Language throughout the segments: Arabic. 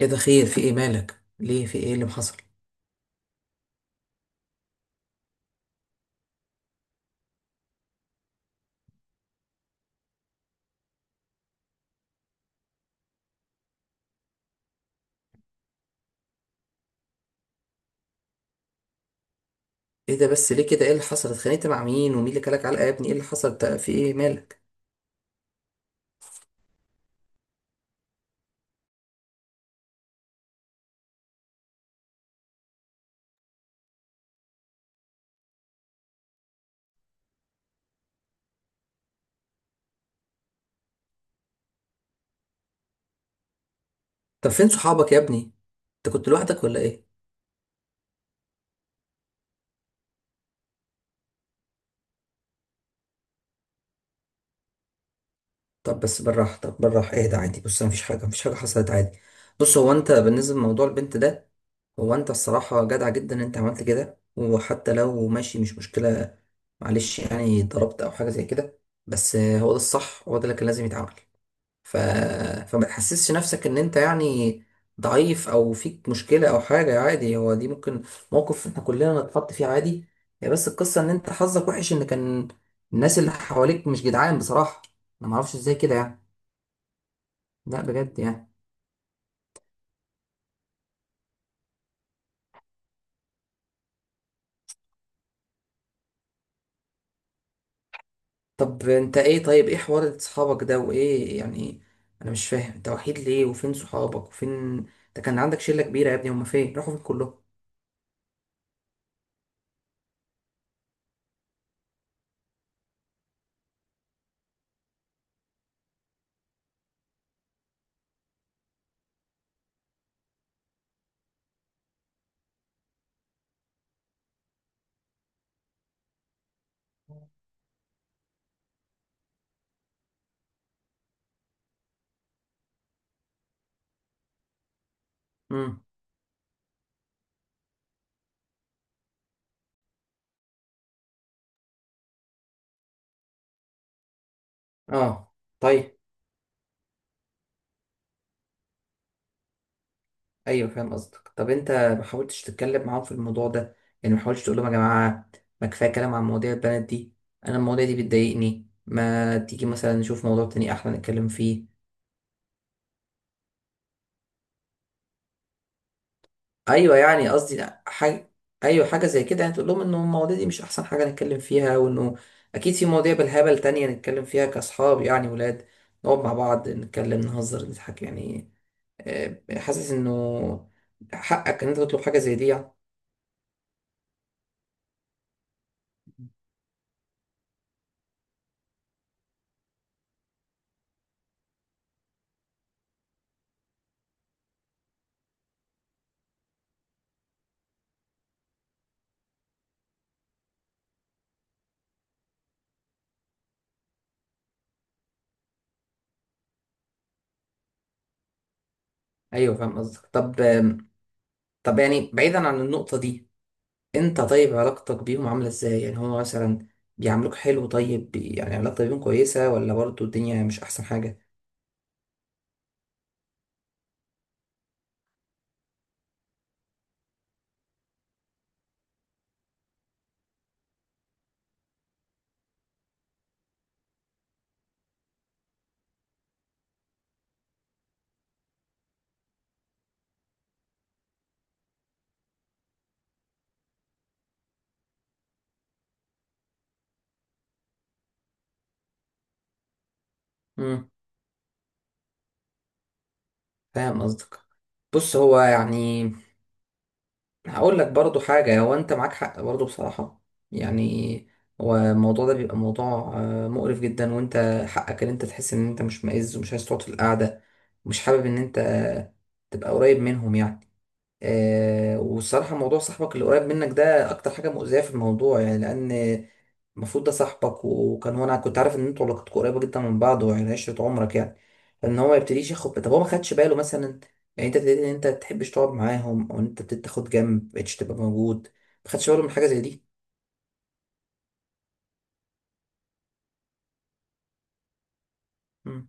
ايه ده، خير، في ايه؟ مالك؟ ليه؟ في ايه اللي محصل؟ ايه ده بس؟ ليه كده؟ ايه اللي حصل؟ اتخانقت مع مين؟ ومين اللي كلك علقه يا ابني؟ ايه اللي حصل؟ في ايه؟ مالك؟ طب فين صحابك يا ابني؟ انت كنت لوحدك ولا ايه؟ طب بس بالراحه، طب بالراحه، ايه ده؟ عادي، بص، مفيش حاجه، مفيش حاجه حصلت، عادي. بص، هو انت بالنسبه لموضوع البنت ده، هو انت الصراحه جدع جدا ان انت عملت كده، وحتى لو ماشي مش مشكله، معلش يعني ضربت او حاجه زي كده، بس هو ده الصح، هو ده اللي كان لازم يتعمل. ف... فما تحسسش نفسك ان انت يعني ضعيف او فيك مشكلة او حاجة. عادي، هو دي ممكن موقف احنا كلنا نتحط فيه، عادي. هي بس القصة ان انت حظك وحش ان كان الناس اللي حواليك مش جدعان بصراحة. انا معرفش ازاي كده يعني، لا بجد يعني. طب انت ايه؟ طيب ايه حوار اصحابك ده وايه يعني؟ انا مش فاهم، انت وحيد ليه؟ وفين صحابك؟ وفين؟ انت كان عندك شلة كبيرة يا ابني، هما فين؟ راحوا فين كلهم؟ امم. اه. طيب، ايوه فاهم قصدك. طب انت ما حاولتش تتكلم معاهم في الموضوع ده؟ يعني ما حاولتش تقول لهم يا جماعه ما كفايه كلام عن مواضيع البنات دي، انا المواضيع دي بتضايقني، ما تيجي مثلا نشوف موضوع تاني احلى نتكلم فيه؟ ايوه يعني قصدي حاجه، ايوه حاجه زي كده يعني، تقول لهم انه المواضيع دي مش احسن حاجه نتكلم فيها، وانه اكيد في مواضيع بالهبل تانية نتكلم فيها كاصحاب يعني، ولاد نقعد مع بعض نتكلم نهزر نضحك يعني. آه، حاسس انه حقك ان انت تطلب حاجه زي دي يعني. ايوه فاهم قصدك. طب آم، طب يعني بعيدا عن النقطة دي، انت طيب علاقتك بيهم عاملة ازاي؟ يعني هما مثلا بيعاملوك حلو؟ طيب يعني علاقتك بيهم كويسة، ولا برضو الدنيا مش احسن حاجة؟ امم، فاهم قصدك. بص، هو يعني هقول لك برضو حاجة، هو انت معاك حق برضو بصراحة، يعني هو الموضوع ده بيبقى موضوع آه، مقرف جدا، وانت حقك ان انت تحس ان انت مش مائز، ومش عايز تقعد في القعدة، ومش حابب ان انت تبقى قريب منهم يعني. آه، والصراحة موضوع صاحبك اللي قريب منك ده أكتر حاجة مؤذية في الموضوع يعني، لأن المفروض ده صاحبك، وكان هو، أنا كنت عارف إن أنتوا علاقتكم قريبة جدا من بعض، ويعني عشرة عمرك يعني. فإن هو ما يبتديش ياخد، طب هو ما خدش باله مثلا؟ يعني أنت ابتديت إن أنت تحبش تقعد معاهم، أو إن أنت ابتديت تاخد جنب، مبقتش تبقى موجود، ما خدش باله من حاجة زي دي؟ مم.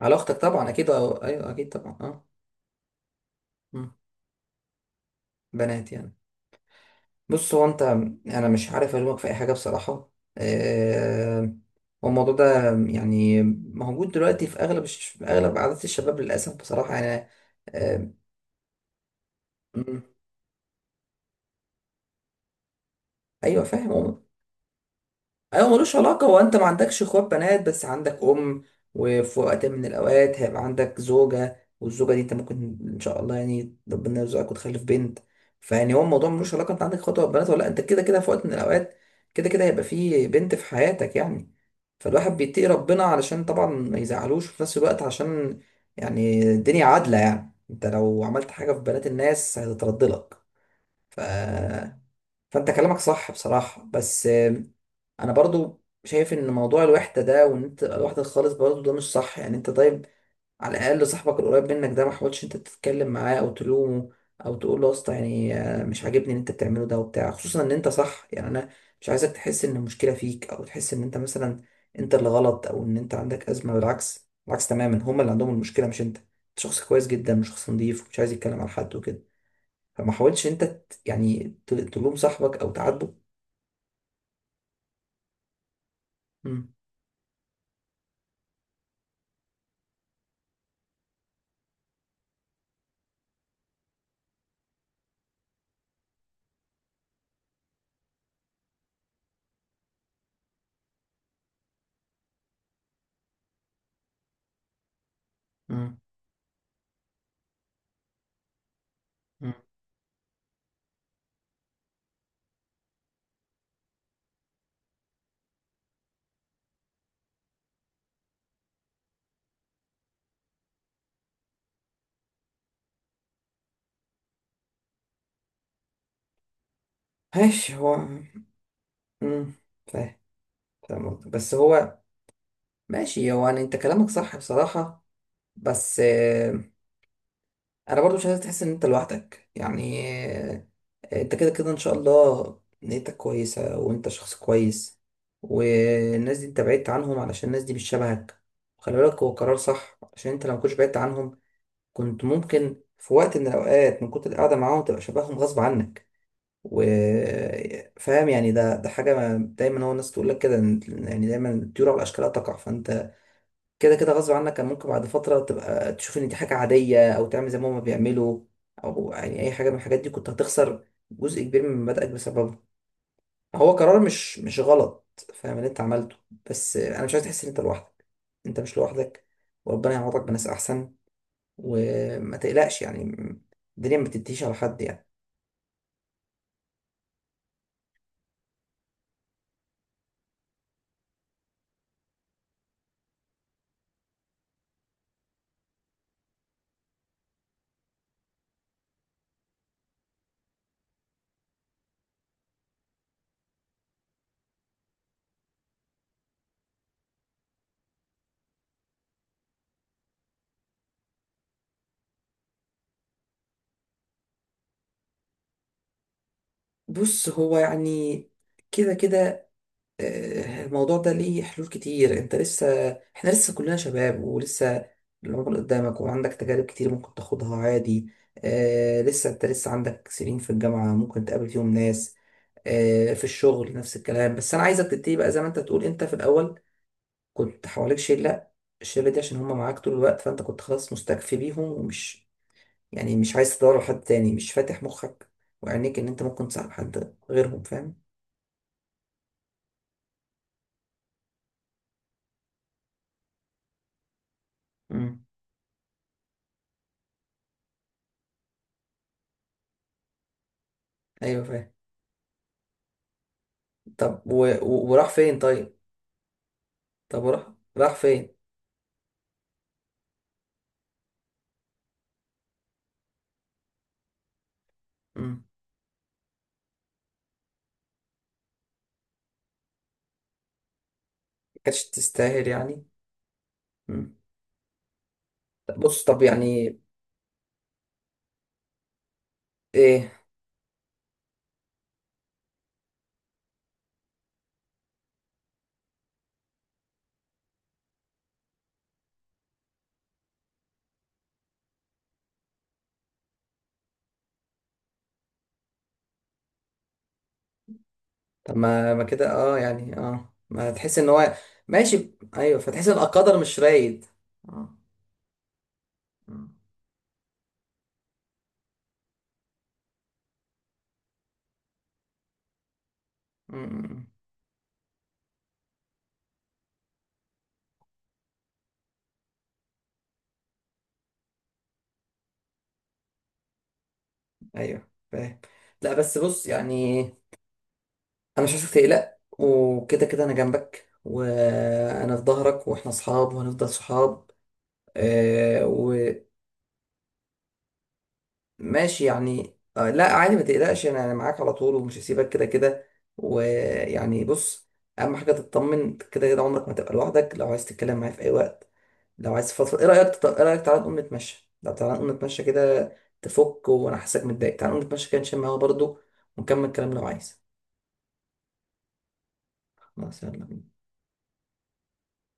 علاقتك طبعا أكيد، أه، أيوه أكيد طبعا، أه. مم. بنات يعني. بص هو انت، انا مش عارف الومك في اي حاجه بصراحه. آه، هو الموضوع ده يعني موجود دلوقتي في اغلب في اغلب عادات الشباب للاسف بصراحه يعني. آه، مم، ايوه فاهم. ايوه ملوش علاقه، هو انت ما عندكش اخوات بنات، بس عندك ام، وفي وقت من الاوقات هيبقى عندك زوجه، والزوجه دي انت ممكن ان شاء الله يعني ربنا يرزقك وتخلف بنت. فيعني هو الموضوع ملوش علاقه انت عندك اخوات ولا بنات ولا لأ، انت كده كده في وقت من الاوقات، كده كده هيبقى في بنت في حياتك يعني. فالواحد بيتقي ربنا علشان طبعا ما يزعلوش، وفي نفس الوقت عشان يعني الدنيا عادله، يعني انت لو عملت حاجه في بنات الناس هتترد لك. ف... فانت كلامك صح بصراحه، بس انا برضو شايف ان موضوع الوحده ده، وان انت تبقى لوحدك خالص، برضو ده مش صح يعني. انت طيب على الاقل صاحبك القريب منك ده، ما حاولش انت تتكلم معاه او تلومه او تقول له يا اسطى يعني آه، مش عاجبني اللي انت بتعمله ده وبتاع، خصوصا ان انت صح يعني. انا مش عايزك تحس ان المشكله فيك، او تحس ان انت مثلا انت اللي غلط، او ان انت عندك ازمه، بالعكس، بالعكس تماما، هما اللي عندهم المشكله مش انت، انت شخص كويس جدا وشخص نظيف ومش عايز يتكلم على حد وكده. فما حاولش انت يعني تلوم صاحبك او تعاتبه؟ مم. مم. مم. ماشي هو. امم، فاهم، فاهم قصدك. بس هو ماشي، هو يعني انت كلامك صح بصراحة، بس آه، انا برضو مش عايز تحس ان انت لوحدك يعني. آه، انت كده كده ان شاء الله نيتك كويسة، وانت شخص كويس، والناس دي انت بعدت عنهم علشان الناس دي مش شبهك. خلي بالك هو قرار صح، عشان انت لو مكنتش بعدت عنهم، كنت ممكن في وقت من الاوقات من كتر القعدة معاهم تبقى شبههم غصب عنك. وفاهم يعني، ده حاجة، ما دايما هو الناس تقول لك كده يعني دايما الطيور على أشكالها تقع. فأنت كده كده غصب عنك كان ممكن بعد فترة تبقى تشوف إن دي حاجة عادية، أو تعمل زي ما هما بيعملوا، أو يعني أي حاجة من الحاجات دي، كنت هتخسر جزء كبير من مبادئك بسببه. هو قرار مش غلط، فاهم اللي أنت عملته. بس أنا مش عايز تحس إن أنت لوحدك، أنت مش لوحدك، وربنا يعوضك بناس أحسن، وما تقلقش يعني، الدنيا ما بتنتهيش على حد يعني. بص هو يعني، كده كده آه، الموضوع ده ليه حلول كتير. انت لسه، احنا لسه كلنا شباب، ولسه العمر قدامك، وعندك تجارب كتير ممكن تاخدها عادي. آه لسه انت لسه عندك سنين في الجامعة ممكن تقابل فيهم ناس، آه في الشغل نفس الكلام. بس انا عايزك تبتدي بقى، زي ما انت تقول، انت في الاول كنت حواليك شلة، الشلة دي عشان هما معاك طول الوقت، فانت كنت خلاص مستكفي بيهم، ومش يعني مش عايز تدور على حد تاني، مش فاتح مخك وعينيك ان انت ممكن تصاحب حد غيرهم، فاهم؟ مم. ايوه فاهم. طب وراح فين طيب؟ طب وراح، راح فين؟ مم. ما كانتش تستاهل يعني؟ مم. طب بص، طب يعني ايه؟ طب ما ما كده، اه يعني، اه ما تحس ان هو، ماشي، ايوه فتحس ان القدر مش رايد. اه. مم. مم. ايوه فاهم. لا بس بص يعني، انا مش عايزك تقلق، وكده كده انا جنبك، وانا في ظهرك، واحنا اصحاب وهنفضل صحاب. آه ماشي يعني، آه لا عادي ما تقلقش، أنا معاك على طول، ومش هسيبك كده كده. ويعني بص، اهم حاجه تطمن، كده كده عمرك ما تبقى لوحدك، لو عايز تتكلم معايا في اي وقت، لو عايز فضفض، ايه رايك ايه رايك تعالى نقوم نتمشى؟ لو تعالى نقوم نتمشى كده تفك، وانا حاسسك متضايق، تعالى نقوم نتمشى كده نشم هوا برضو، ونكمل الكلام لو عايز. خلاص، يلا بينا.